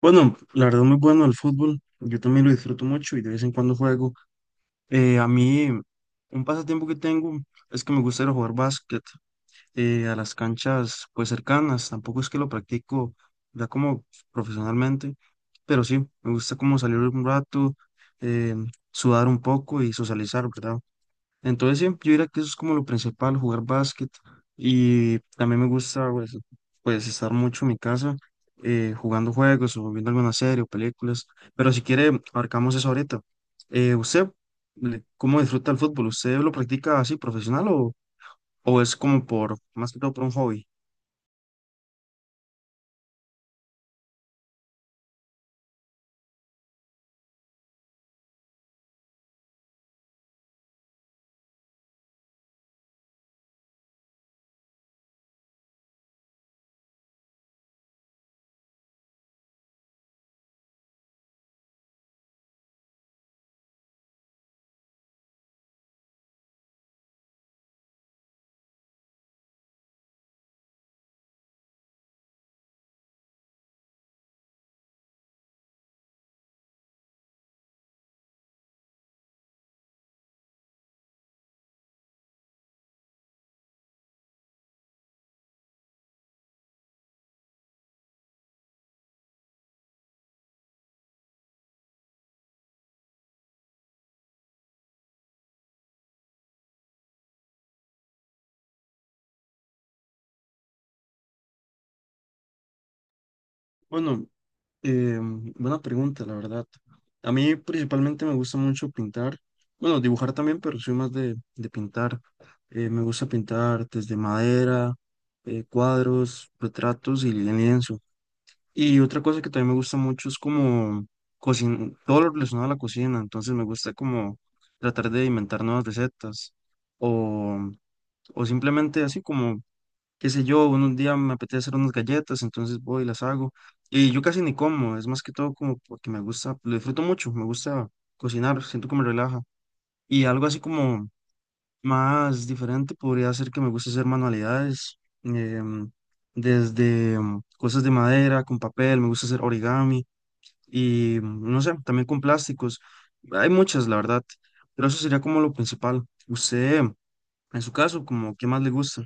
Bueno, la verdad muy bueno el fútbol. Yo también lo disfruto mucho y de vez en cuando juego. A mí, un pasatiempo que tengo es que me gusta ir a jugar básquet a las canchas pues cercanas. Tampoco es que lo practico ya como profesionalmente, pero sí, me gusta como salir un rato, eh, sudar un poco y socializar, ¿verdad? Entonces, sí, yo diría que eso es como lo principal, jugar básquet. Y también me gusta, pues, estar mucho en mi casa jugando juegos o viendo alguna serie o películas. Pero si quiere, abarcamos eso ahorita. ¿Usted cómo disfruta el fútbol? ¿Usted lo practica así profesional o es como por, más que todo por un hobby? Bueno. Buena pregunta, la verdad. A mí principalmente me gusta mucho pintar, bueno, dibujar también, pero soy más de pintar. Me gusta pintar desde madera, cuadros, retratos y en lienzo. Y otra cosa que también me gusta mucho es como cocin todo lo relacionado a la cocina, entonces me gusta como tratar de inventar nuevas recetas o, o simplemente así como qué sé yo, un día me apetece hacer unas galletas, entonces voy y las hago. Y yo casi ni como, es más que todo como porque me gusta, lo disfruto mucho, me gusta cocinar, siento que me relaja. Y algo así como más diferente podría ser que me gusta hacer manualidades, desde cosas de madera, con papel, me gusta hacer origami y no sé, también con plásticos. Hay muchas, la verdad, pero eso sería como lo principal. Usted, en su caso, como, ¿qué más le gusta?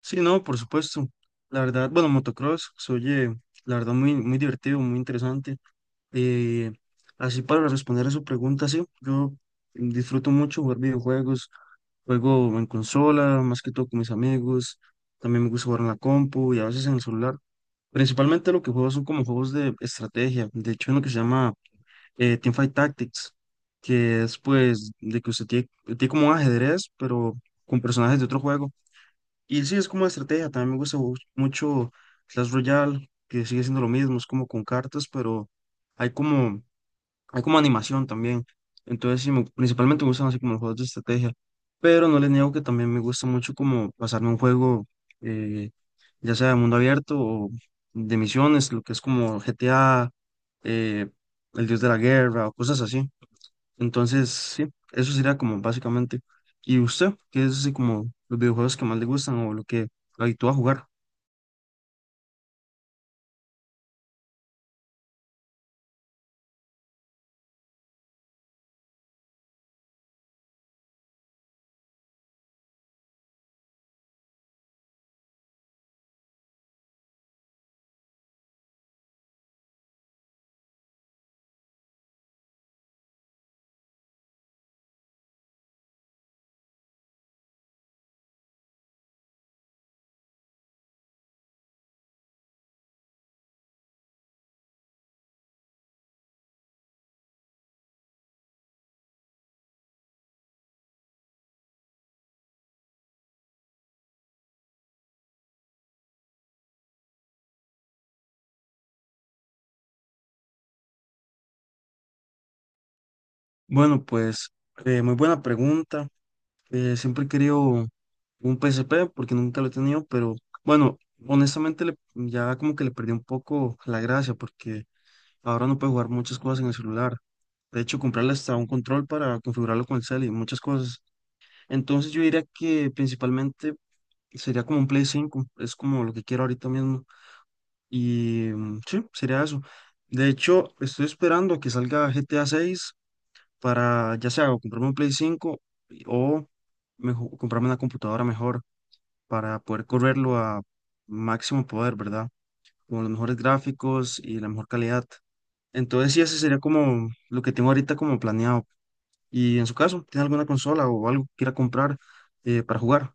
Sí, no, por supuesto. La verdad, bueno, motocross se oye, la verdad, muy, muy divertido, muy interesante. Eh, así para responder a su pregunta, sí, yo disfruto mucho jugar videojuegos, juego en consola, más que todo con mis amigos, también me gusta jugar en la compu y a veces en el celular. Principalmente lo que juego son como juegos de estrategia, de hecho uno que se llama Teamfight Tactics, que es pues de que usted tiene como un ajedrez, pero con personajes de otro juego. Y sí, es como una estrategia. También me gusta mucho Clash Royale, que sigue siendo lo mismo, es como con cartas, pero hay como, hay como animación también. Entonces, sí, principalmente me gustan así como los juegos de estrategia. Pero no les niego que también me gusta mucho como pasarme un juego, eh, ya sea de mundo abierto o de misiones, lo que es como GTA, eh, El Dios de la Guerra o cosas así. Entonces, sí, eso sería como básicamente. ¿Y usted? ¿Qué es así como los videojuegos que más le gustan o lo que lo habitúa a jugar? Bueno, pues muy buena pregunta. Siempre he querido un PSP porque nunca lo he tenido, pero bueno, honestamente ya como que le perdí un poco la gracia porque ahora no puedo jugar muchas cosas en el celular. De hecho, comprarle hasta un control para configurarlo con el cel y muchas cosas. Entonces yo diría que principalmente sería como un Play 5 es como lo que quiero ahorita mismo. Y sí, sería eso. De hecho, estoy esperando a que salga GTA 6 para ya sea o comprarme un Play 5 o comprarme una computadora mejor para poder correrlo a máximo poder, ¿verdad? Con los mejores gráficos y la mejor calidad. Entonces, sí, ese sería como lo que tengo ahorita como planeado. Y en su caso, ¿tiene alguna consola o algo que quiera comprar para jugar?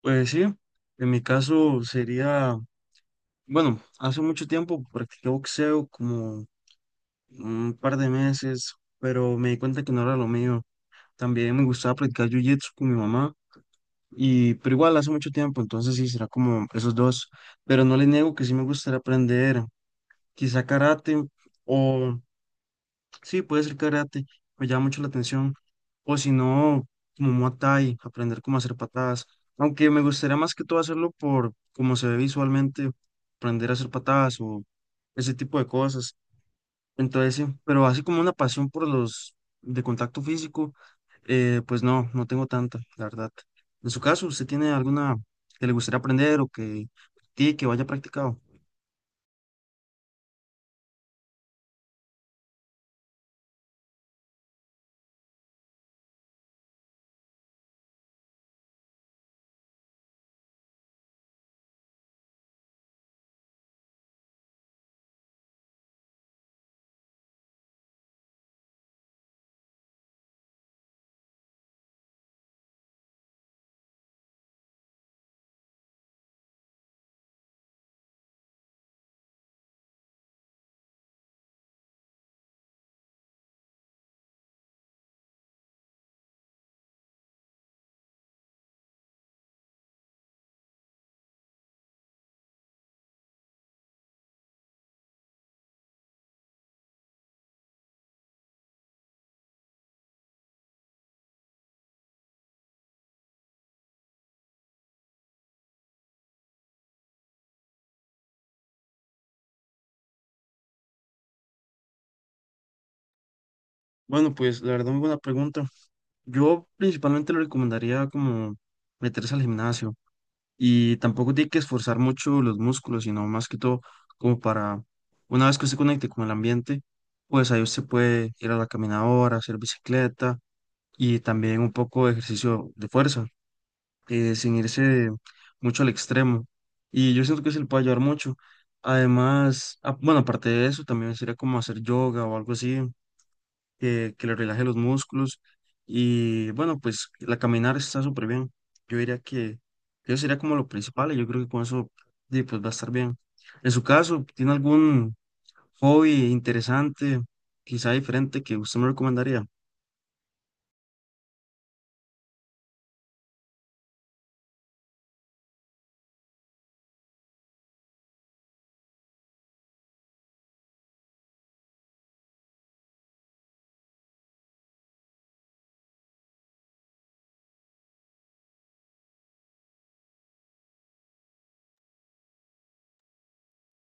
Pues sí, en mi caso sería, bueno, hace mucho tiempo practiqué boxeo como un par de meses, pero me di cuenta que no era lo mío. También me gustaba practicar jiu-jitsu con mi mamá, pero igual hace mucho tiempo, entonces sí, será como esos dos. Pero no le niego que sí me gustaría aprender quizá karate, o sí, puede ser karate, me llama mucho la atención. O si no, como Muay Thai, aprender cómo hacer patadas. Aunque me gustaría más que todo hacerlo por cómo se ve visualmente, aprender a hacer patadas o ese tipo de cosas. Entonces sí, pero así como una pasión por los de contacto físico, pues no, no tengo tanta, la verdad. En su caso, ¿usted tiene alguna que le gustaría aprender o que practique, que vaya practicado? Bueno, pues la verdad, muy buena pregunta. Yo principalmente le recomendaría como meterse al gimnasio y tampoco tiene que esforzar mucho los músculos, sino más que todo como para, una vez que usted conecte con el ambiente, pues ahí usted puede ir a la caminadora, hacer bicicleta y también un poco de ejercicio de fuerza. Sin irse mucho al extremo. Y yo siento que se le puede ayudar mucho. Además, bueno, aparte de eso, también sería como hacer yoga o algo así, que le relaje los músculos. Y bueno, pues la caminar está súper bien. Yo diría que eso sería como lo principal y yo creo que con eso sí, pues va a estar bien. En su caso, ¿tiene algún hobby interesante, quizá diferente, que usted me recomendaría?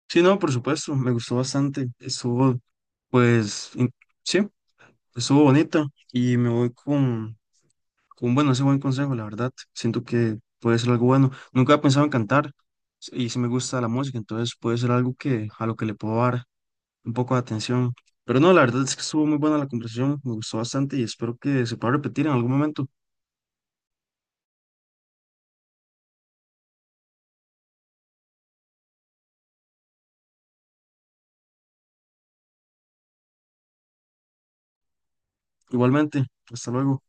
Sí, no, por supuesto, me gustó bastante. Estuvo, pues, sí. Estuvo bonita y me voy con, bueno, ese buen consejo, la verdad. Siento que puede ser algo bueno. Nunca he pensado en cantar y si me gusta la música, entonces puede ser algo que a lo que le puedo dar un poco de atención. Pero no, la verdad es que estuvo muy buena la conversación, me gustó bastante y espero que se pueda repetir en algún momento. Igualmente, hasta luego.